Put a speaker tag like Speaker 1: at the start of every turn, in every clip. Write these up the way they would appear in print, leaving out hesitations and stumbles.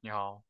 Speaker 1: 你好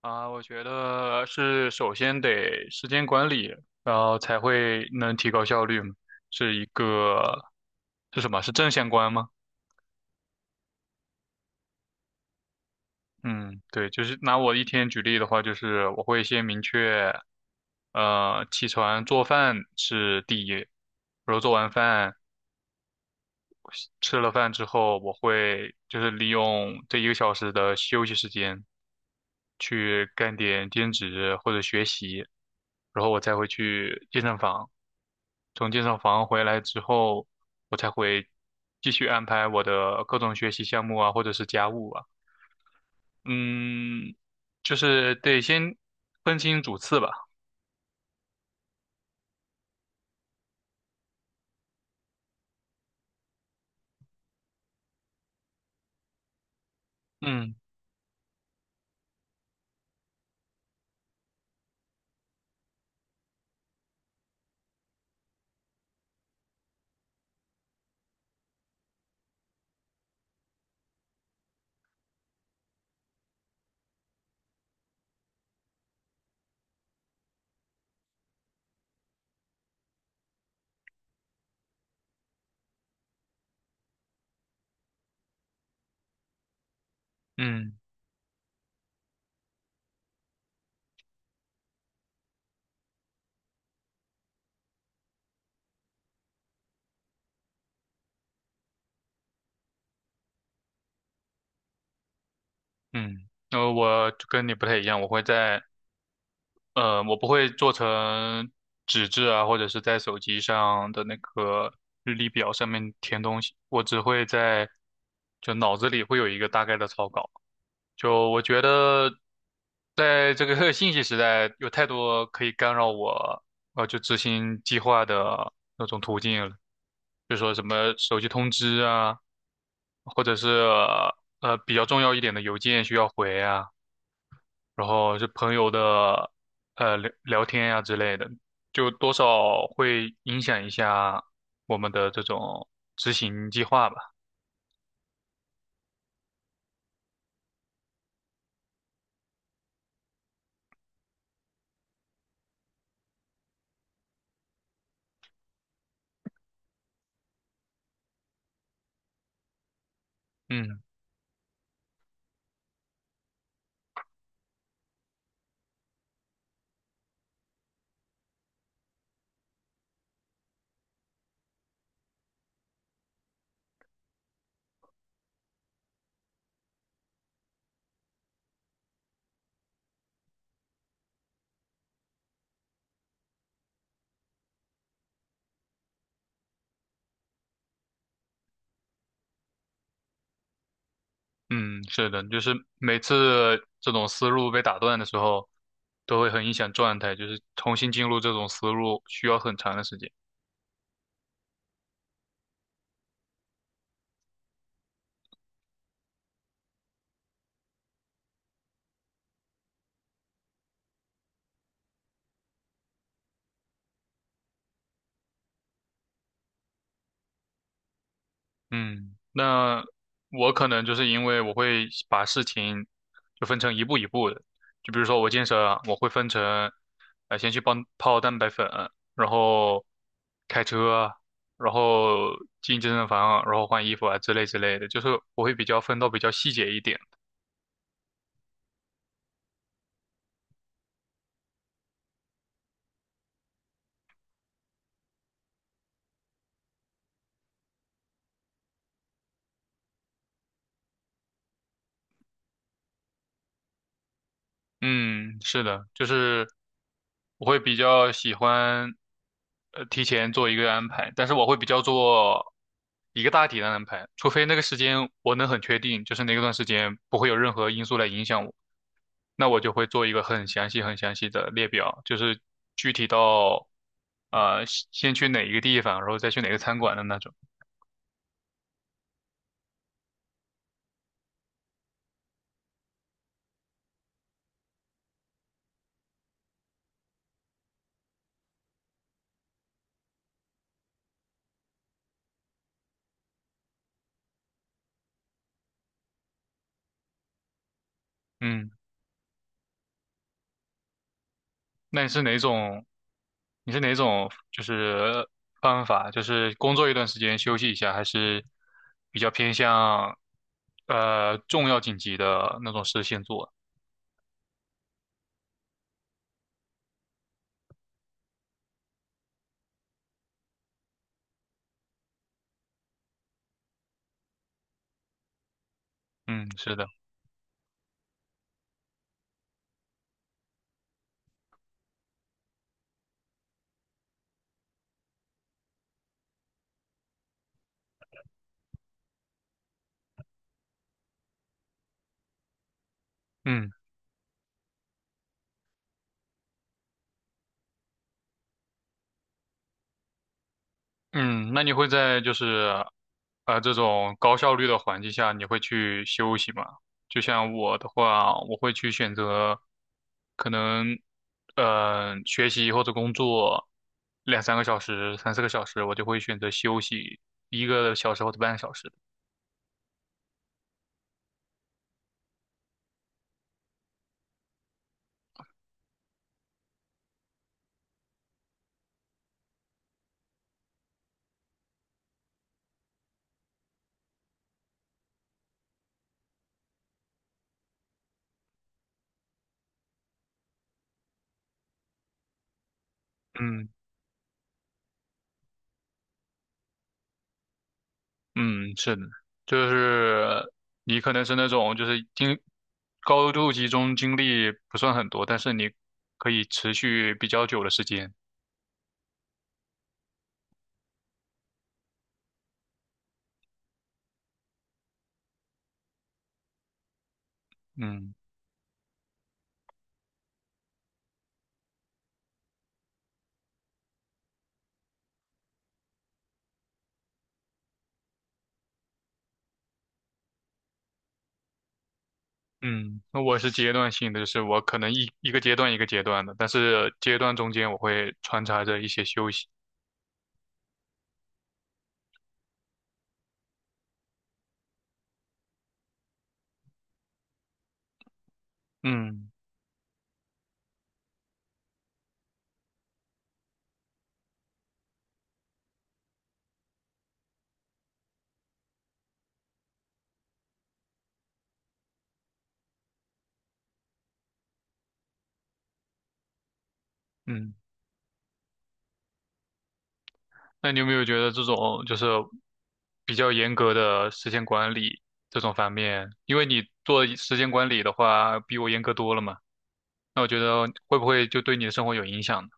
Speaker 1: 啊，我觉得是首先得时间管理，然后才会能提高效率嘛，是一个是什么？是正相关吗？嗯，对，就是拿我一天举例的话，就是我会先明确，起床做饭是第一，然后做完饭吃了饭之后，我会就是利用这一个小时的休息时间去干点兼职或者学习，然后我才会去健身房。从健身房回来之后，我才会继续安排我的各种学习项目啊，或者是家务啊。嗯，就是得先分清主次吧。嗯嗯嗯，我就跟你不太一样，我不会做成纸质啊，或者是在手机上的那个日历表上面填东西，我只会在就脑子里会有一个大概的草稿。就我觉得，在这个 信息时代，有太多可以干扰我，就执行计划的那种途径了，就说什么手机通知啊，或者是比较重要一点的邮件需要回啊，然后是朋友的聊聊天呀、之类的，就多少会影响一下我们的这种执行计划吧。嗯。嗯，是的，就是每次这种思路被打断的时候，都会很影响状态，就是重新进入这种思路需要很长的时间。嗯，那我可能就是因为我会把事情就分成一步一步的，就比如说我健身啊，我会分成，先去帮泡蛋白粉，然后开车，然后进健身房，然后换衣服啊之类之类的，就是我会比较分到比较细节一点。嗯，是的，就是我会比较喜欢提前做一个安排，但是我会比较做一个大体的安排，除非那个时间我能很确定，就是那个段时间不会有任何因素来影响我，那我就会做一个很详细、很详细的列表，就是具体到呃先去哪一个地方，然后再去哪个餐馆的那种。嗯。那你是哪种？就是方法，就是工作一段时间休息一下，还是比较偏向重要紧急的那种事先做？嗯，是的，嗯。嗯，那你会在就是这种高效率的环境下，你会去休息吗？就像我的话，我会去选择可能学习或者工作两三个小时、三四个小时，我就会选择休息一个小时或者半个小时。嗯嗯，是的，就是你可能是那种就是高度集中精力不算很多，但是你可以持续比较久的时间。嗯。嗯，那我是阶段性的，就是我可能一个阶段一个阶段的，但是阶段中间我会穿插着一些休息。嗯嗯，那你有没有觉得这种就是比较严格的时间管理这种方面？因为你做时间管理的话，比我严格多了嘛，那我觉得会不会就对你的生活有影响呢？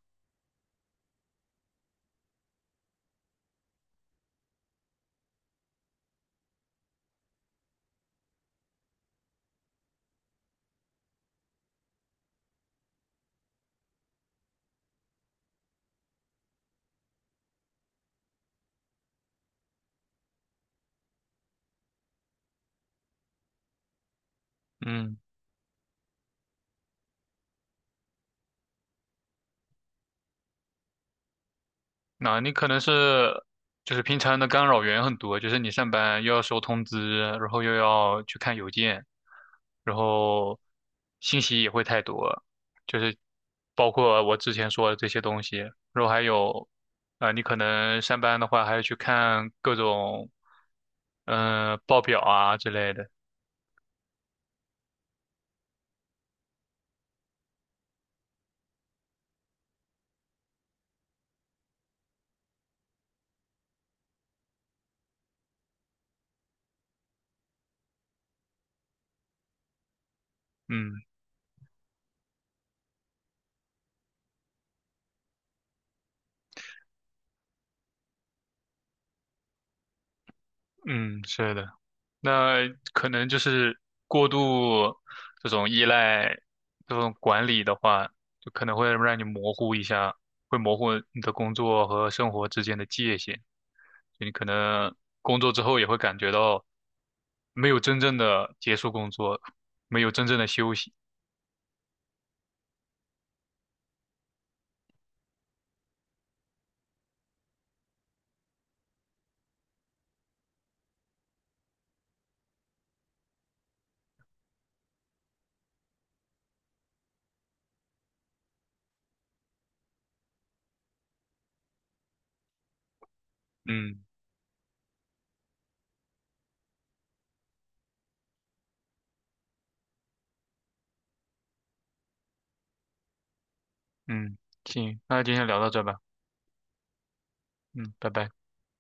Speaker 1: 嗯，那你可能是就是平常的干扰源很多，就是你上班又要收通知，然后又要去看邮件，然后信息也会太多，就是包括我之前说的这些东西，然后还有啊、你可能上班的话还要去看各种报表啊之类的，嗯嗯，是的。那可能就是过度这种依赖这种管理的话，就可能会让你模糊一下，会模糊你的工作和生活之间的界限。就你可能工作之后也会感觉到没有真正的结束工作，没有真正的休息。嗯嗯，行，那今天聊到这吧。嗯，拜拜。